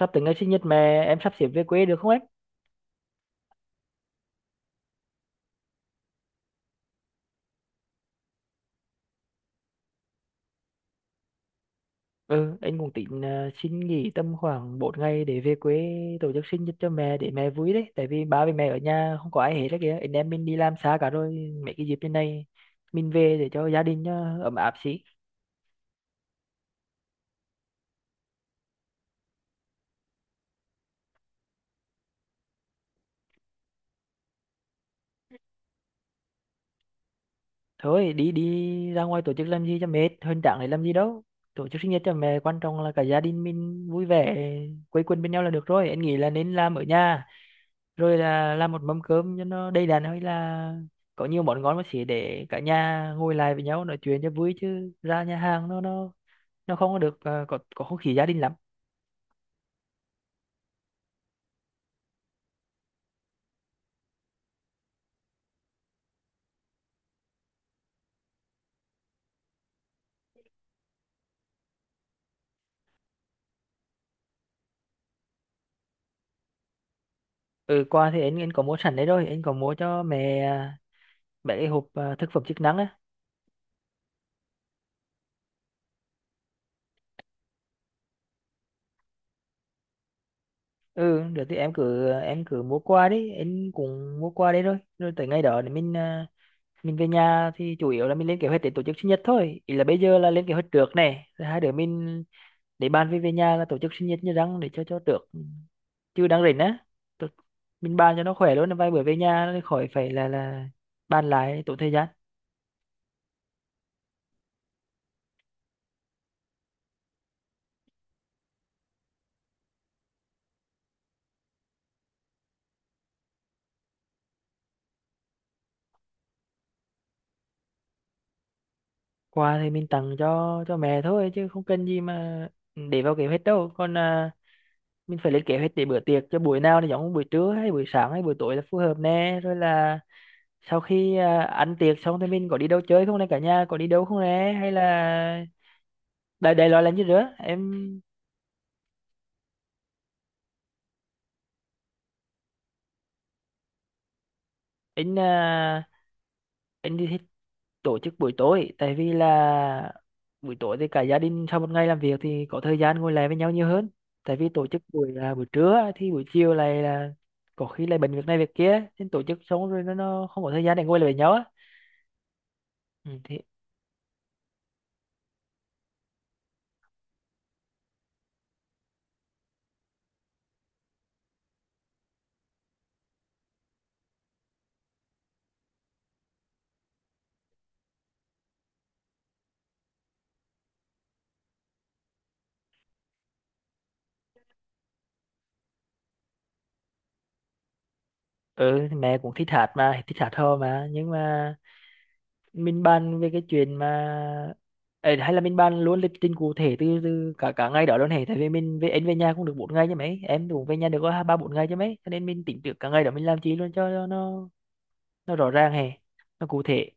Sắp tới ngày sinh nhật mẹ, em sắp xếp về quê được không em? Ừ anh cũng tính xin nghỉ tầm khoảng bốn ngày để về quê tổ chức sinh nhật cho mẹ để mẹ vui đấy. Tại vì ba với mẹ ở nhà không có ai hết đấy kìa, anh em mình đi làm xa cả rồi, mấy cái dịp như này mình về để cho gia đình nó ấm áp xí. Thôi, đi đi ra ngoài tổ chức làm gì cho mệt, hơn chẳng để làm gì đâu. Tổ chức sinh nhật cho mẹ quan trọng là cả gia đình mình vui vẻ, quây quần bên nhau là được rồi. Anh nghĩ là nên làm ở nhà, rồi là làm một mâm cơm cho nó đầy đặn, hay là có nhiều món ngon mà chỉ để cả nhà ngồi lại với nhau nói chuyện cho vui, chứ ra nhà hàng nó không có được có không khí gia đình lắm. Ừ, quà thì anh có mua sẵn đấy rồi. Anh có mua cho mẹ mấy cái hộp thực phẩm chức năng á. Ừ được, thì em cứ mua qua đi, anh cũng mua qua đấy rồi. Rồi tới ngày đó thì mình mình về nhà thì chủ yếu là mình lên kế hoạch để tổ chức sinh nhật thôi. Ý là bây giờ là lên kế hoạch trước này, rồi hai đứa mình để bàn về, về nhà là tổ chức sinh nhật như răng để cho được, chứ đang rảnh á tôi, mình bàn cho nó khỏe luôn. Vài bữa về nhà nó khỏi phải là bàn lại tốn thời gian. Quà thì mình tặng cho mẹ thôi, chứ không cần gì mà để vào kế hoạch đâu. Còn mình phải lên kế hoạch để bữa tiệc cho buổi nào thì giống, buổi trưa hay buổi sáng hay buổi tối là phù hợp nè. Rồi là sau khi ăn tiệc xong thì mình có đi đâu chơi không nè, cả nhà có đi đâu không nè, hay là đại đại loại là như thế em. Anh anh thì thích tổ chức buổi tối, tại vì là buổi tối thì cả gia đình sau một ngày làm việc thì có thời gian ngồi lại với nhau nhiều hơn. Tại vì tổ chức buổi là buổi trưa á, thì buổi chiều này là có khi lại bận việc này việc kia, nên tổ chức xong rồi nó không có thời gian để ngồi lại với nhau á. Ừ, thì ừ, thì mẹ cũng thích hát mà, thích hát hò mà, nhưng mà mình bàn về cái chuyện mà. Ê, hay là mình bàn luôn lịch trình cụ thể từ cả cả ngày đó luôn hề. Tại vì mình về, em về nhà cũng được bốn ngày chứ mấy, em cũng về nhà được có hai ba bốn ngày chứ mấy, cho nên mình tính được cả ngày đó mình làm chi luôn cho nó rõ ràng hè, nó cụ thể.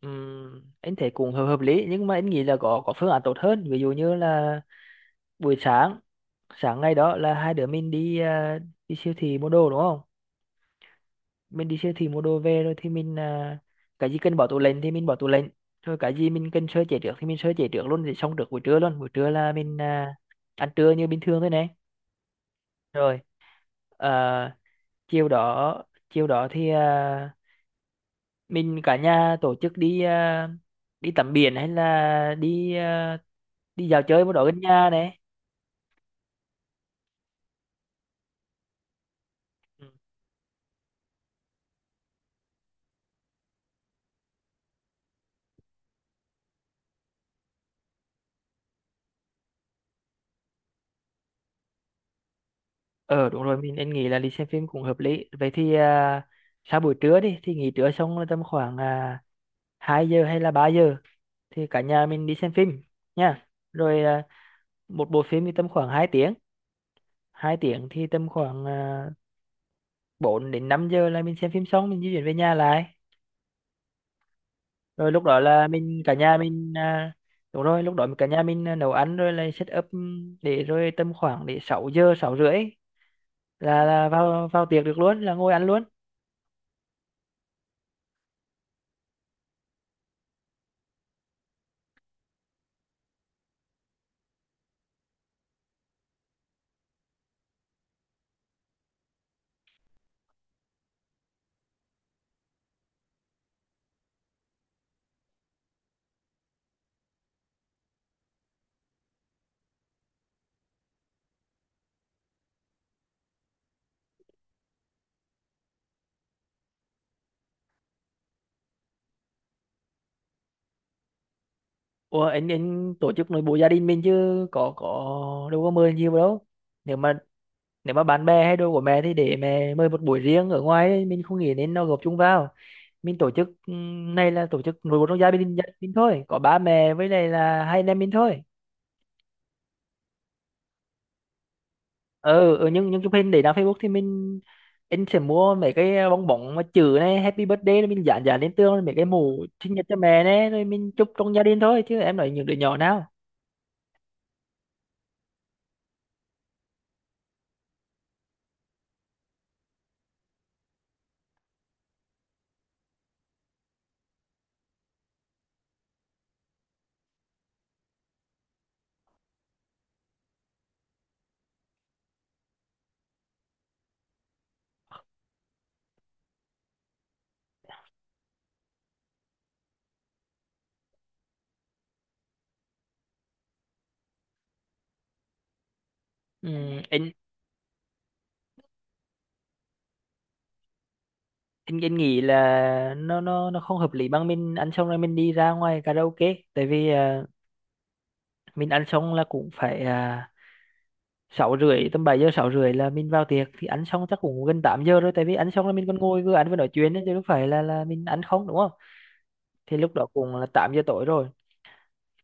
Anh thấy cũng hợp hợp lý, nhưng mà anh nghĩ là có phương án tốt hơn. Ví dụ như là buổi sáng, sáng ngày đó là hai đứa mình đi đi siêu thị mua đồ đúng không. Mình đi siêu thị mua đồ về, rồi thì mình cái gì cần bỏ tủ lạnh thì mình bỏ tủ lạnh, rồi cái gì mình cần sơ chế trước thì mình sơ chế trước luôn, thì xong trước buổi trưa luôn. Buổi trưa là mình ăn trưa như bình thường thôi này. Rồi à, chiều đó, thì mình cả nhà tổ chức đi đi tắm biển, hay là đi đi dạo chơi một đó gần nhà này. Ừ. Ờ đúng rồi, mình nên nghĩ là đi xem phim cũng hợp lý. Vậy thì sau buổi trưa đi thì nghỉ trưa xong là tầm khoảng 2 giờ hay là 3 giờ thì cả nhà mình đi xem phim nha. Rồi một bộ phim thì tầm khoảng 2 tiếng, thì tầm khoảng 4 đến 5 giờ là mình xem phim xong, mình di chuyển về nhà lại. Rồi lúc đó là mình, cả nhà mình đúng rồi, lúc đó cả nhà mình nấu ăn, rồi là set up để, rồi tầm khoảng 6 giờ 6 rưỡi là vào vào tiệc được luôn, là ngồi ăn luôn. Ủa, anh tổ chức nội bộ gia đình mình chứ có đâu có mời nhiều đâu. Nếu mà, nếu mà bạn bè hay đồ của mẹ thì để mẹ mời một buổi riêng ở ngoài ấy, mình không nghĩ nên nó gộp chung vào. Mình tổ chức này là tổ chức nội bộ trong gia đình, thôi có ba mẹ với lại là hai anh em mình thôi. Ừ, ừ những cái pin để đăng Facebook thì mình, anh sẽ mua mấy cái bong bóng mà chữ này Happy Birthday, rồi mình dán dán lên tường, rồi mấy cái mũ sinh nhật cho mẹ này, rồi mình chúc trong gia đình thôi, chứ em nói những đứa nhỏ nào. Ừ, anh, anh nghĩ là nó không hợp lý bằng mình ăn xong rồi mình đi ra ngoài karaoke. Tại vì mình ăn xong là cũng phải sáu rưỡi tầm bảy giờ, sáu rưỡi là mình vào tiệc thì ăn xong chắc cũng gần 8 giờ rồi. Tại vì ăn xong là mình còn ngồi vừa ăn vừa nói chuyện ấy, chứ đâu phải là mình ăn không đúng không. Thì lúc đó cũng là 8 giờ tối rồi,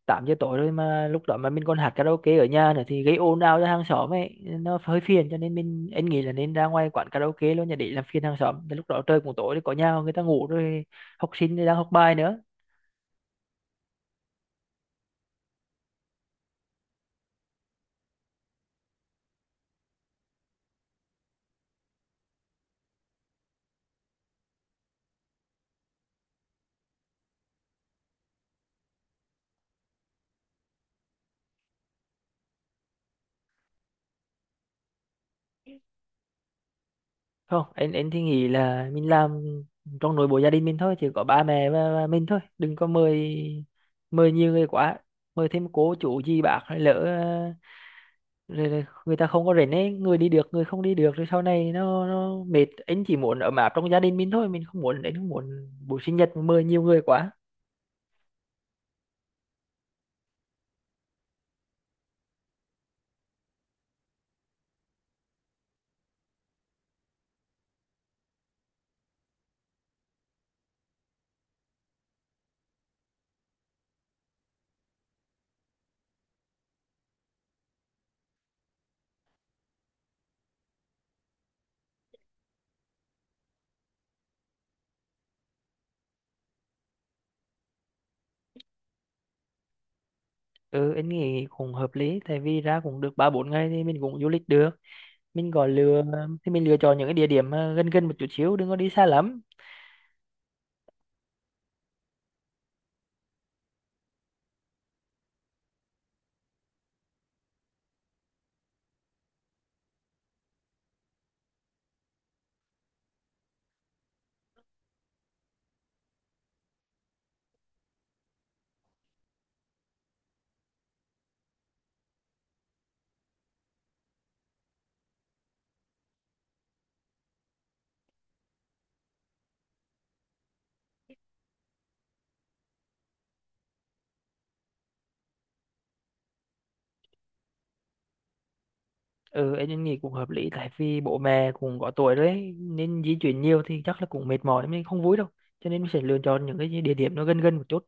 8 giờ tối rồi mà lúc đó mà mình còn hát karaoke ở nhà nữa thì gây ồn ào cho hàng xóm ấy, nó hơi phiền. Cho nên mình, anh nghĩ là nên ra ngoài quán karaoke luôn, nhà để làm phiền hàng xóm. Thì lúc đó trời cũng tối thì có nhà người ta ngủ rồi, học sinh thì đang học bài nữa. Không, anh thì nghĩ là mình làm trong nội bộ gia đình mình thôi, chỉ có ba mẹ và mình thôi, đừng có mời, mời nhiều người quá. Mời thêm cô chú gì bác hay lỡ rồi là người ta không có rảnh ấy, người đi được người không đi được, rồi sau này nó mệt. Anh chỉ muốn ấm áp trong gia đình mình thôi, mình không muốn, anh không muốn buổi sinh nhật mà mời nhiều người quá. Ừ anh nghĩ cũng hợp lý, tại vì ra cũng được ba bốn ngày thì mình cũng du lịch được. Mình gọi lựa, thì mình lựa chọn những cái địa điểm mà gần gần một chút xíu, đừng có đi xa lắm. Ừ anh nghĩ cũng hợp lý, tại vì bố mẹ cũng có tuổi rồi ấy, nên di chuyển nhiều thì chắc là cũng mệt mỏi, mình không vui đâu. Cho nên mình sẽ lựa chọn những cái địa điểm nó gần gần một chút,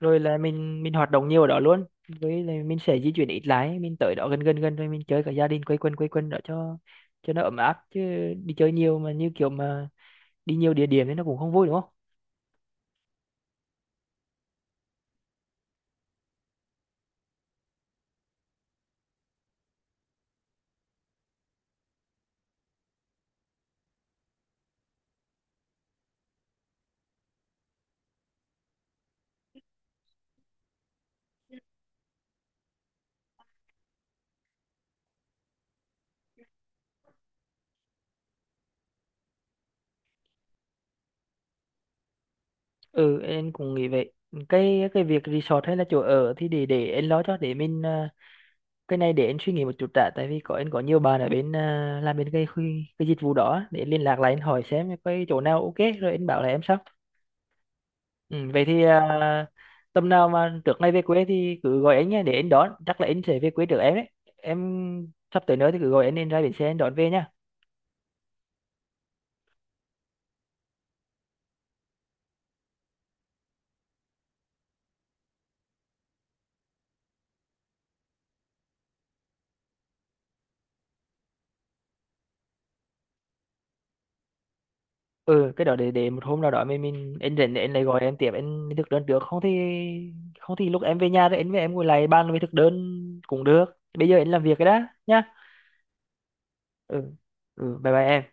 rồi là mình hoạt động nhiều ở đó luôn. Với là mình sẽ di chuyển ít lái, mình tới đó gần gần gần rồi mình chơi cả gia đình, quây quần đó cho nó ấm áp chứ. Đi chơi nhiều mà như kiểu mà đi nhiều địa điểm thì nó cũng không vui đúng không. Ừ em cũng nghĩ vậy. Cái việc resort hay là chỗ ở thì để em lo cho. Để mình cái này để em suy nghĩ một chút đã, tại vì có em có nhiều bạn ở bên làm bên cái khu- cái dịch vụ đó á, để em liên lạc lại em hỏi xem cái chỗ nào ok rồi em bảo là em sao. Ừ, vậy thì tầm nào mà trước ngày về quê thì cứ gọi anh nha để anh đón, chắc là anh sẽ về quê trước em đấy. Em sắp tới nữa thì cứ gọi anh, ra bến xe anh đón về nhá. Ừ, cái đó để một hôm nào đó mình, anh rảnh thì anh lại gọi em tiếp. Anh thực đơn trước không thì, không thì lúc em về nhà thì anh với em ngồi lại bàn về thực đơn cũng được. Bây giờ anh làm việc cái đã nhá. Ừ, ừ bye bye em.